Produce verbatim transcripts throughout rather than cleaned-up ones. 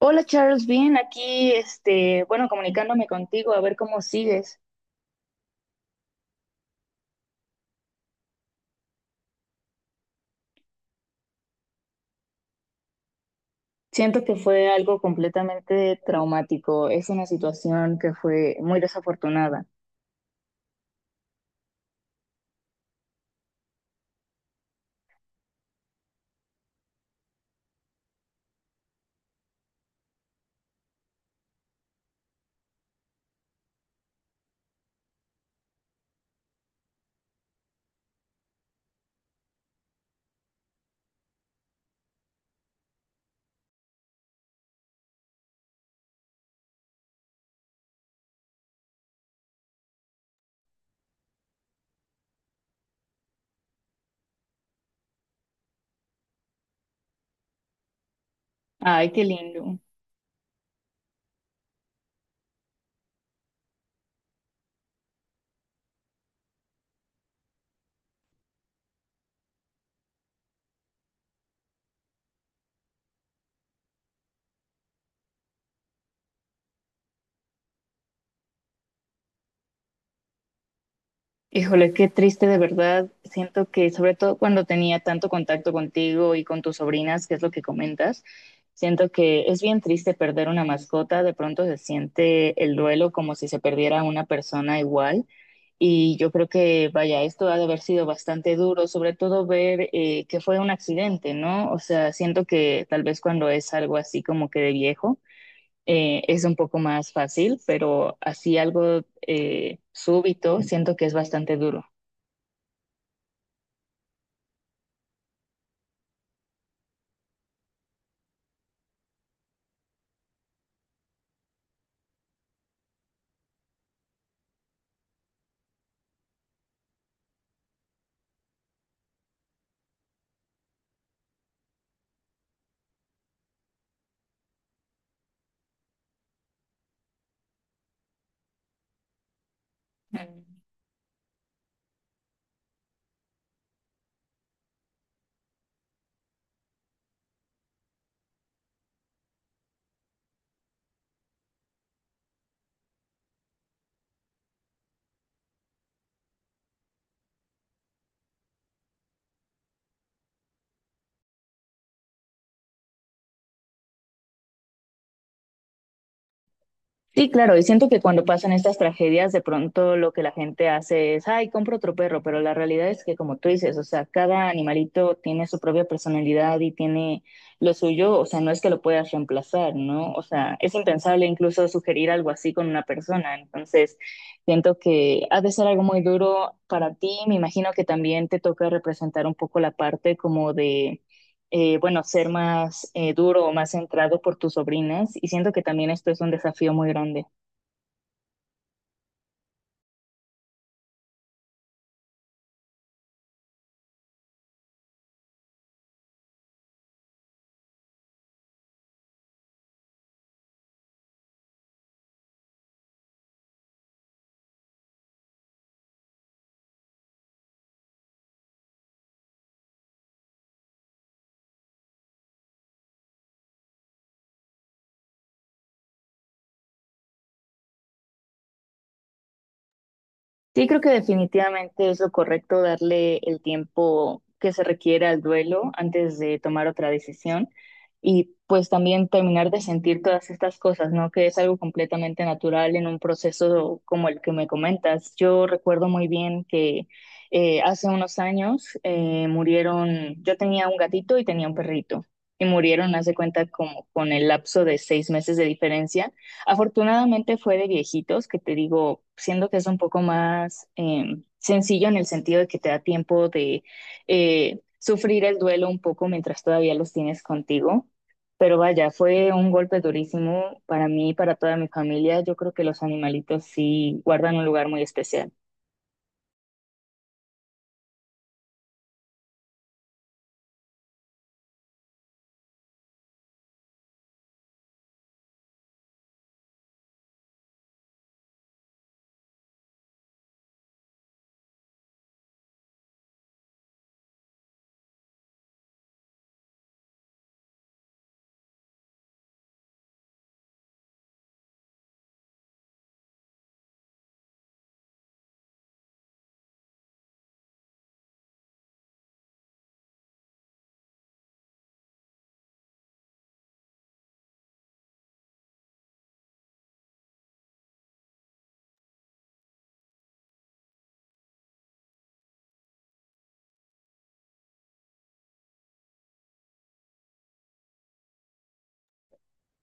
Hola Charles, bien, aquí, este, bueno, comunicándome contigo a ver cómo sigues. Siento que fue algo completamente traumático, es una situación que fue muy desafortunada. Ay, qué lindo. Híjole, qué triste de verdad. Siento que sobre todo cuando tenía tanto contacto contigo y con tus sobrinas, que es lo que comentas, siento que es bien triste perder una mascota. De pronto se siente el duelo como si se perdiera una persona igual. Y yo creo que, vaya, esto ha de haber sido bastante duro, sobre todo ver eh, que fue un accidente, ¿no? O sea, siento que tal vez cuando es algo así como que de viejo eh, es un poco más fácil, pero así algo eh, súbito siento que es bastante duro. Sí, claro, y siento que cuando pasan estas tragedias, de pronto lo que la gente hace es, ay, compro otro perro, pero la realidad es que como tú dices, o sea, cada animalito tiene su propia personalidad y tiene lo suyo, o sea, no es que lo puedas reemplazar, ¿no? O sea, es impensable incluso sugerir algo así con una persona, entonces siento que ha de ser algo muy duro para ti, me imagino que también te toca representar un poco la parte como de eh, bueno, ser más eh, duro o más centrado por tus sobrinas y siento que también esto es un desafío muy grande. Sí, creo que definitivamente es lo correcto darle el tiempo que se requiere al duelo antes de tomar otra decisión y pues también terminar de sentir todas estas cosas, ¿no? Que es algo completamente natural en un proceso como el que me comentas. Yo recuerdo muy bien que eh, hace unos años eh, murieron, yo tenía un gatito y tenía un perrito y murieron, hace cuenta, como con el lapso de seis meses de diferencia. Afortunadamente fue de viejitos, que te digo, siendo que es un poco más eh, sencillo en el sentido de que te da tiempo de eh, sufrir el duelo un poco mientras todavía los tienes contigo. Pero vaya, fue un golpe durísimo para mí y para toda mi familia. Yo creo que los animalitos sí guardan un lugar muy especial.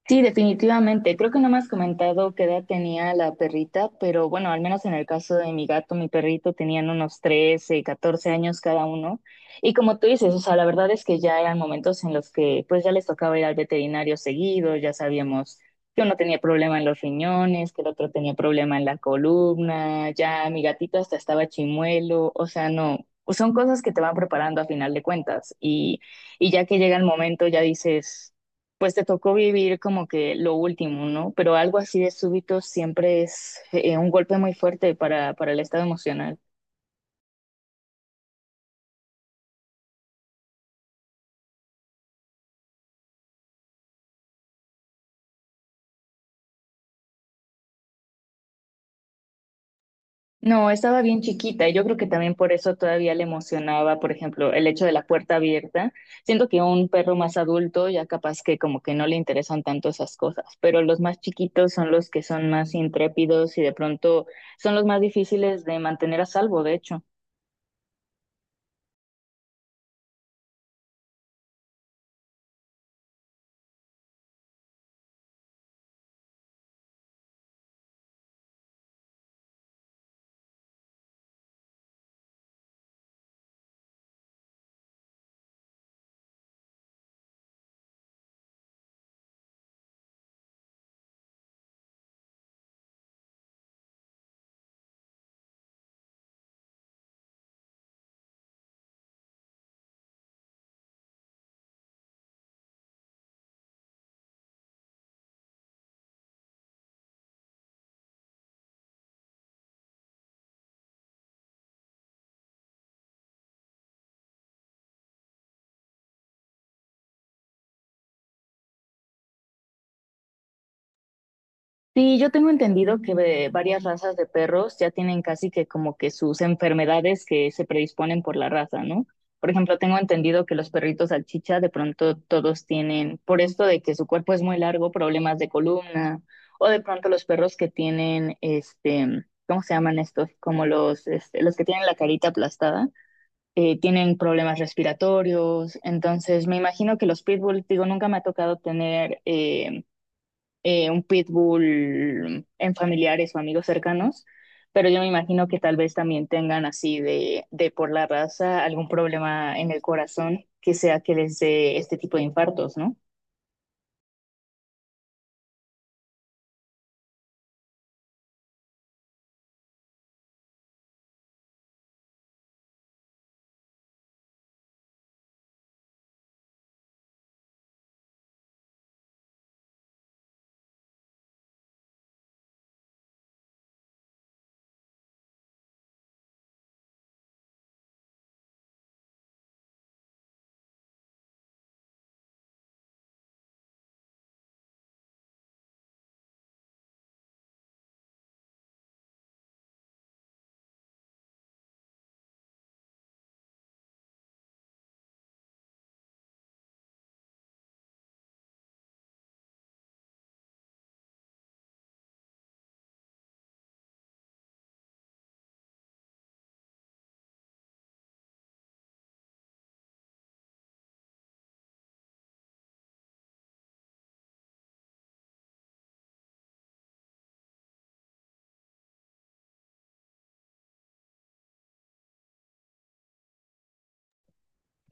Sí, definitivamente. Creo que no me has comentado qué edad tenía la perrita, pero bueno, al menos en el caso de mi gato, mi perrito tenían unos trece, catorce años cada uno. Y como tú dices, o sea, la verdad es que ya eran momentos en los que pues ya les tocaba ir al veterinario seguido, ya sabíamos que uno tenía problema en los riñones, que el otro tenía problema en la columna, ya mi gatito hasta estaba chimuelo, o sea, no, son cosas que te van preparando a final de cuentas. Y, y ya que llega el momento, ya dices pues te tocó vivir como que lo último, ¿no? Pero algo así de súbito siempre es eh, un golpe muy fuerte para, para el estado emocional. No, estaba bien chiquita y yo creo que también por eso todavía le emocionaba, por ejemplo, el hecho de la puerta abierta. Siento que un perro más adulto ya capaz que como que no le interesan tanto esas cosas, pero los más chiquitos son los que son más intrépidos y de pronto son los más difíciles de mantener a salvo, de hecho. Sí, yo tengo entendido que ve- varias razas de perros ya tienen casi que como que sus enfermedades que se predisponen por la raza, ¿no? Por ejemplo, tengo entendido que los perritos salchicha de pronto todos tienen, por esto de que su cuerpo es muy largo, problemas de columna, o de pronto los perros que tienen, este, ¿cómo se llaman estos? Como los, este, los que tienen la carita aplastada, eh, tienen problemas respiratorios. Entonces, me imagino que los pitbull, digo, nunca me ha tocado tener eh, eh, un pitbull en familiares o amigos cercanos, pero yo me imagino que tal vez también tengan así de, de por la raza algún problema en el corazón que sea que les dé este tipo de infartos, ¿no?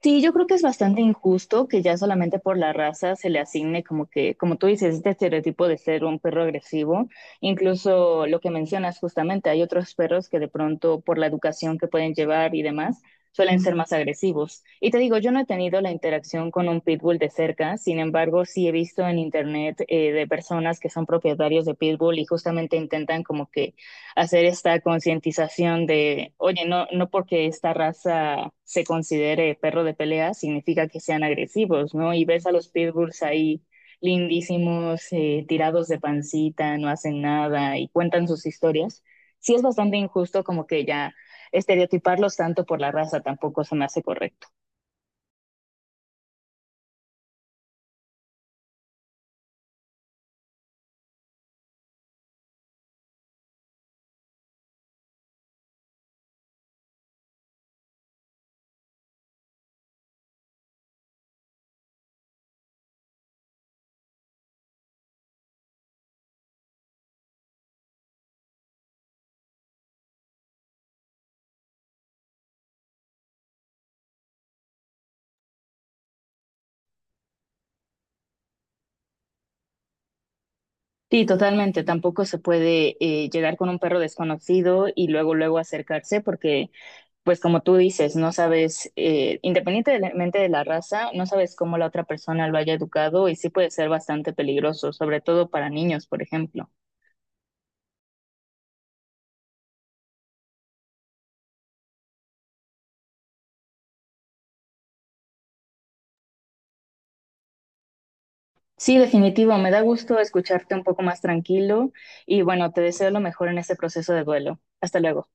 Sí, yo creo que es bastante injusto que ya solamente por la raza se le asigne como que, como tú dices, este estereotipo de ser un perro agresivo. Incluso lo que mencionas justamente, hay otros perros que de pronto por la educación que pueden llevar y demás suelen ser más agresivos. Y te digo, yo no he tenido la interacción con un pitbull de cerca, sin embargo, sí he visto en internet eh, de personas que son propietarios de pitbull y justamente intentan como que hacer esta concientización de, oye, no, no porque esta raza se considere perro de pelea significa que sean agresivos, ¿no? Y ves a los pitbulls ahí lindísimos, eh, tirados de pancita, no hacen nada y cuentan sus historias. Sí es bastante injusto como que ya estereotiparlos tanto por la raza tampoco se me hace correcto. Sí, totalmente. Tampoco se puede eh, llegar con un perro desconocido y luego, luego acercarse porque, pues como tú dices, no sabes, eh, independientemente de la raza, no sabes cómo la otra persona lo haya educado y sí puede ser bastante peligroso, sobre todo para niños, por ejemplo. Sí, definitivo. Me da gusto escucharte un poco más tranquilo y bueno, te deseo lo mejor en este proceso de duelo. Hasta luego.